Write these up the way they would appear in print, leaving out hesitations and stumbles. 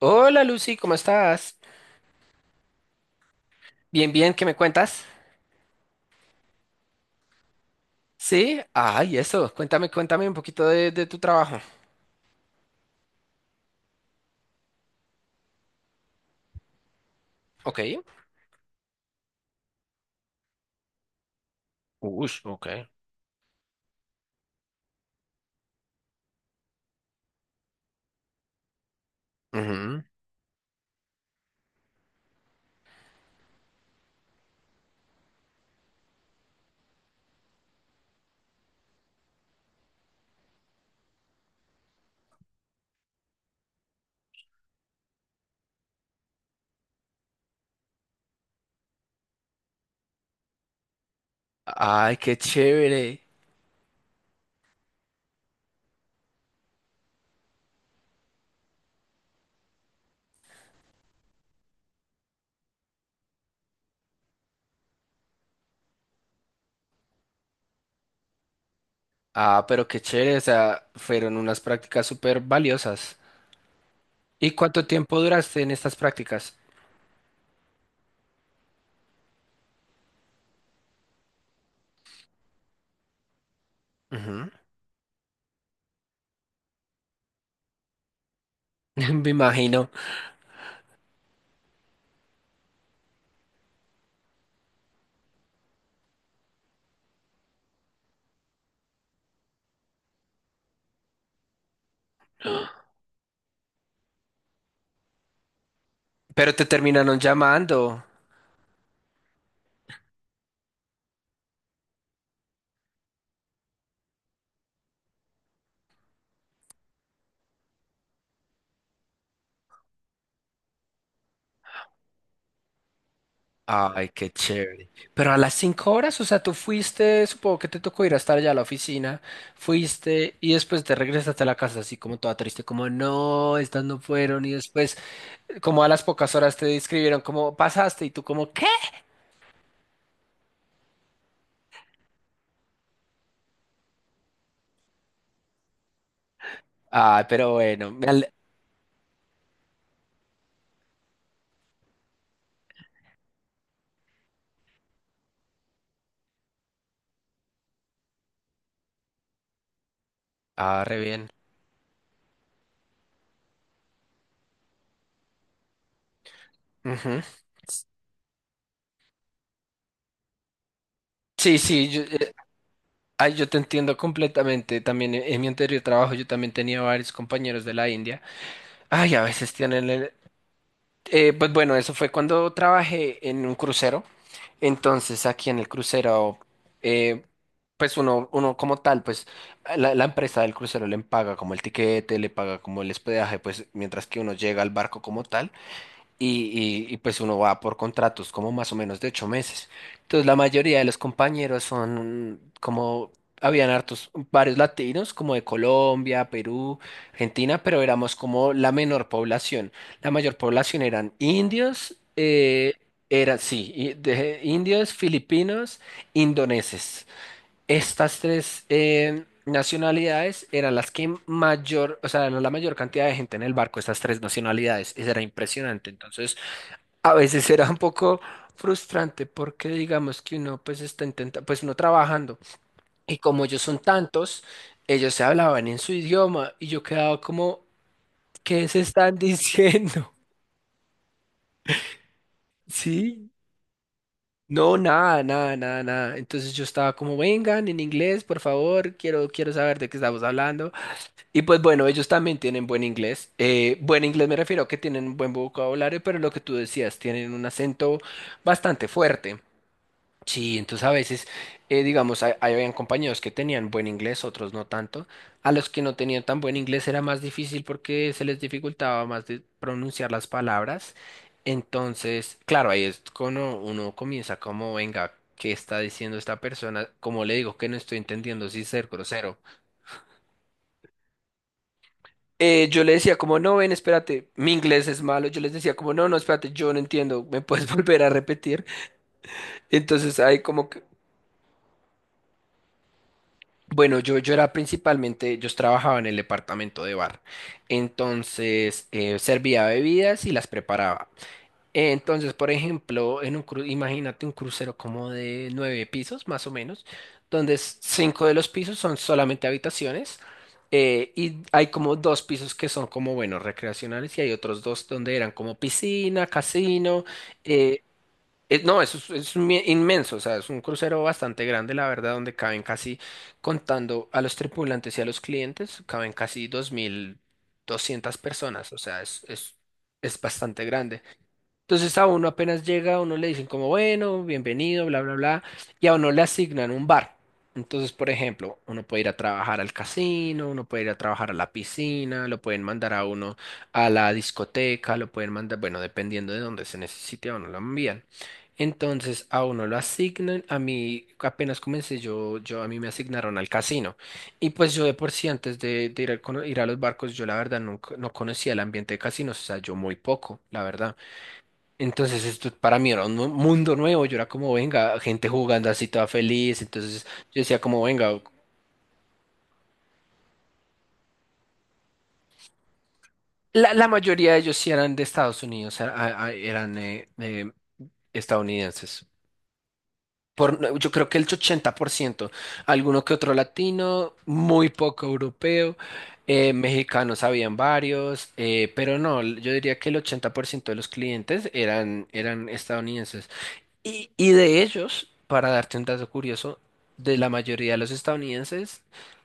Hola, Lucy, ¿cómo estás? Bien, bien, ¿qué me cuentas? Sí, ay, eso, cuéntame, cuéntame un poquito de tu trabajo. Ok. Ush, ok. Ujú. Ay, qué chévere. Ah, pero qué chévere, o sea, fueron unas prácticas súper valiosas. ¿Y cuánto tiempo duraste en estas prácticas? Ujú. Me imagino. Pero te terminaron llamando. Ay, qué chévere. Pero a las cinco horas, o sea, tú fuiste, supongo que te tocó ir a estar allá a la oficina, fuiste y después te regresaste a la casa así como toda triste, como no, estas no fueron y después como a las pocas horas te describieron cómo pasaste y tú como ¿qué? Ay, pero bueno, ah, re bien. Ujú. Sí, sí, ay, yo te entiendo completamente. También en mi anterior trabajo yo también tenía varios compañeros de la India. Ay, a veces pues bueno, eso fue cuando trabajé en un crucero. Entonces, aquí en el crucero, eh, pues uno, uno como tal, pues la empresa del crucero le paga como el tiquete, le paga como el hospedaje, pues mientras que uno llega al barco como tal y pues uno va por contratos como más o menos de 8 meses. Entonces la mayoría de los compañeros son como, habían hartos, varios latinos como de Colombia, Perú, Argentina, pero éramos como la menor población. La mayor población eran indios, era, sí, indios, filipinos, indoneses. Estas tres nacionalidades eran las que mayor, o sea, eran la mayor cantidad de gente en el barco, estas tres nacionalidades. Eso era impresionante. Entonces, a veces era un poco frustrante porque digamos que uno pues está intentando, pues uno trabajando y como ellos son tantos, ellos se hablaban en su idioma y yo quedaba como, ¿qué se están diciendo? ¿Sí? No, nada, nada, nada, nada. Entonces yo estaba como, vengan en inglés, por favor, quiero, quiero saber de qué estamos hablando. Y pues bueno, ellos también tienen buen inglés. Buen inglés me refiero a que tienen buen vocabulario, pero lo que tú decías, tienen un acento bastante fuerte. Sí, entonces a veces, digamos, habían compañeros que tenían buen inglés, otros no tanto. A los que no tenían tan buen inglés era más difícil porque se les dificultaba más de pronunciar las palabras. Entonces, claro, ahí es cuando uno comienza como, venga, ¿qué está diciendo esta persona? Como le digo que no estoy entendiendo si ser grosero. Yo le decía como, no, ven, espérate, mi inglés es malo. Yo les decía como, no, no, espérate, yo no entiendo, ¿me puedes volver a repetir? Entonces ahí como bueno, yo era principalmente, yo trabajaba en el departamento de bar, entonces servía bebidas y las preparaba. Entonces, por ejemplo, imagínate un crucero como de nueve pisos, más o menos, donde cinco de los pisos son solamente habitaciones, y hay como dos pisos que son como, bueno, recreacionales y hay otros dos donde eran como piscina, casino. eh, No, eso es, inmenso, o sea, es un crucero bastante grande, la verdad, donde caben casi, contando a los tripulantes y a los clientes, caben casi 2200 personas, o sea, es bastante grande. Entonces a uno apenas llega, a uno le dicen como, bueno, bienvenido, bla, bla, bla, y a uno le asignan un bar. Entonces, por ejemplo, uno puede ir a trabajar al casino, uno puede ir a trabajar a la piscina, lo pueden mandar a uno a la discoteca, lo pueden mandar, bueno, dependiendo de dónde se necesite, a uno lo envían. Entonces a uno lo asignan, a mí apenas comencé, yo a mí me asignaron al casino. Y pues yo de por sí antes de ir, ir a los barcos, yo la verdad nunca, no conocía el ambiente de casinos, o sea, yo muy poco, la verdad. Entonces esto para mí era un mundo nuevo, yo era como, venga, gente jugando así toda feliz, entonces yo decía como, venga, la mayoría de ellos sí eran de Estados Unidos, eran estadounidenses. Por, yo creo que el 80%, alguno que otro latino, muy poco europeo, mexicanos habían varios, pero no, yo diría que el 80% de los clientes eran, eran estadounidenses. Y de ellos, para darte un dato curioso, de la mayoría de los estadounidenses,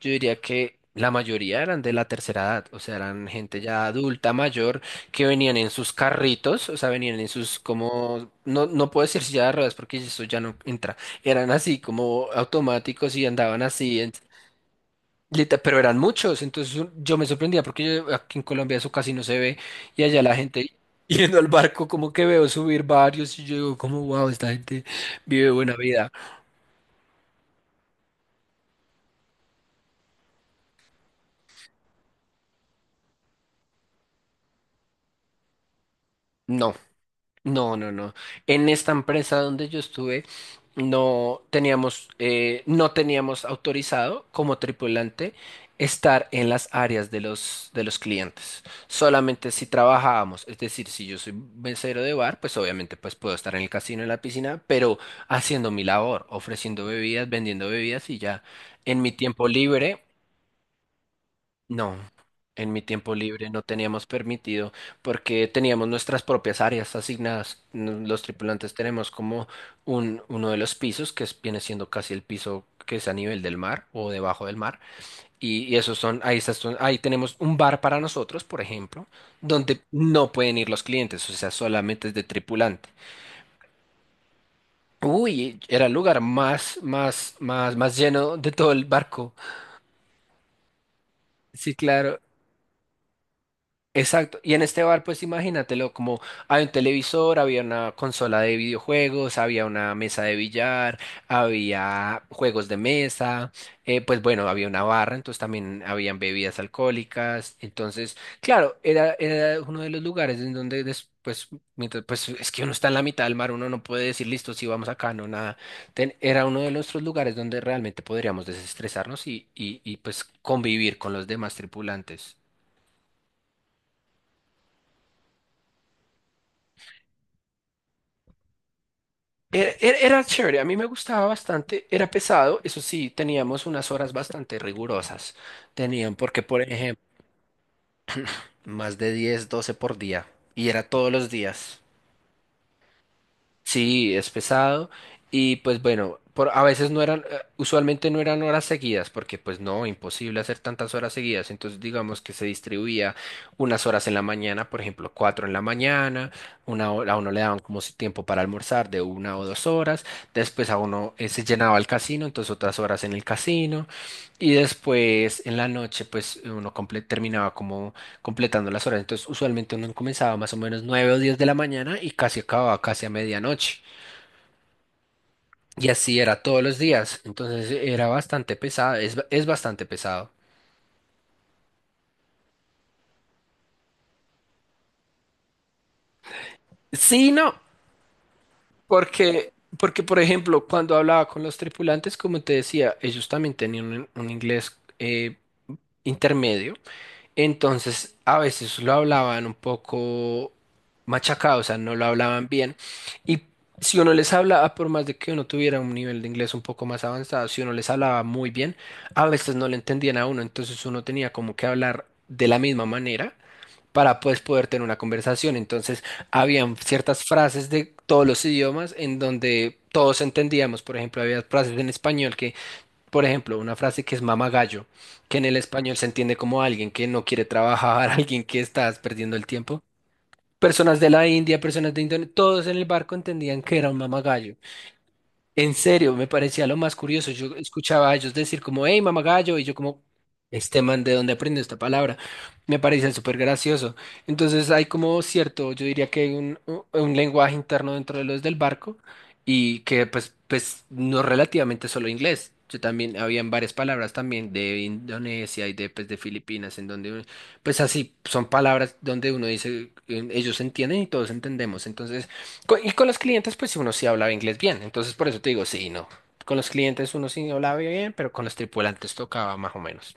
yo diría que la mayoría eran de la tercera edad, o sea, eran gente ya adulta, mayor, que venían en sus carritos, o sea, venían en sus como, no, no puedo decir silla de ruedas porque eso ya no entra, eran así como automáticos y andaban así, pero eran muchos, entonces yo me sorprendía porque aquí en Colombia eso casi no se ve y allá la gente yendo al barco como que veo subir varios y yo digo como wow, esta gente vive buena vida. No. No, no, no. En esta empresa donde yo estuve, no teníamos, no teníamos autorizado como tripulante estar en las áreas de los clientes. Solamente si trabajábamos, es decir, si yo soy mesero de bar, pues obviamente pues puedo estar en el casino, en la piscina, pero haciendo mi labor, ofreciendo bebidas, vendiendo bebidas y ya. En mi tiempo libre no, en mi tiempo libre no teníamos permitido porque teníamos nuestras propias áreas asignadas. Los tripulantes tenemos como uno de los pisos que viene siendo casi el piso que es a nivel del mar o debajo del mar. Y esos son, ahí, ahí tenemos un bar para nosotros, por ejemplo, donde no pueden ir los clientes, o sea, solamente es de tripulante. Uy, era el lugar más, más, más, más lleno de todo el barco. Sí, claro. Exacto, y en este bar pues imagínatelo, como había un televisor, había una consola de videojuegos, había una mesa de billar, había juegos de mesa, pues bueno, había una barra, entonces también habían bebidas alcohólicas, entonces claro, era uno de los lugares en donde después, mientras, pues es que uno está en la mitad del mar, uno no puede decir listo, sí vamos acá, no nada, era uno de nuestros lugares donde realmente podríamos desestresarnos y pues convivir con los demás tripulantes. Era chévere, a mí me gustaba bastante, era pesado, eso sí, teníamos unas horas bastante rigurosas. Tenían, porque por ejemplo, más de 10 12 por día, y era todos los días. Sí, es pesado y pues bueno, por, a veces no eran, usualmente no eran horas seguidas porque pues no, imposible hacer tantas horas seguidas, entonces digamos que se distribuía unas horas en la mañana, por ejemplo, 4 en la mañana, una hora, a uno le daban como si tiempo para almorzar de 1 o 2 horas, después a uno se llenaba el casino, entonces otras horas en el casino y después en la noche pues uno terminaba como completando las horas. Entonces, usualmente uno comenzaba más o menos 9 o 10 de la mañana y casi acababa casi a medianoche. Y así era todos los días. Entonces, era bastante pesado, es bastante pesado. Sí, no, porque, por ejemplo, cuando hablaba con los tripulantes, como te decía, ellos también tenían un inglés intermedio. Entonces, a veces lo hablaban un poco machacado, o sea, no lo hablaban bien. Y si uno les hablaba, por más de que uno tuviera un nivel de inglés un poco más avanzado, si uno les hablaba muy bien, a veces no le entendían a uno, entonces uno tenía como que hablar de la misma manera para pues poder tener una conversación. Entonces, habían ciertas frases de todos los idiomas en donde todos entendíamos, por ejemplo, había frases en español que por ejemplo, una frase que es mama gallo, que en el español se entiende como alguien que no quiere trabajar, alguien que estás perdiendo el tiempo. Personas de la India, personas de Indonesia, todos en el barco entendían que era un mamagallo. En serio, me parecía lo más curioso. Yo escuchaba a ellos decir como, hey, mamagallo, y yo como, este man, ¿de dónde aprendió esta palabra? Me parecía súper gracioso. Entonces hay como cierto, yo diría que hay un, un lenguaje interno dentro de los del barco y que pues, pues no relativamente solo inglés. Yo también, habían varias palabras también de Indonesia y de, pues, de Filipinas, en donde, pues así, son palabras donde uno dice, ellos entienden y todos entendemos. Entonces... Y con los clientes, pues uno sí hablaba inglés bien. Entonces, por eso te digo, sí, y no. Con los clientes uno sí hablaba bien, pero con los tripulantes tocaba más o menos.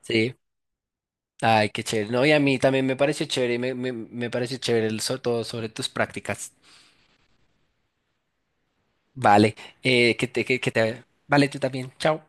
Sí. Ay, qué chévere. No, y a mí también me pareció chévere, me pareció chévere todo sobre tus prácticas. Vale, que te, vale, tú también. Chao.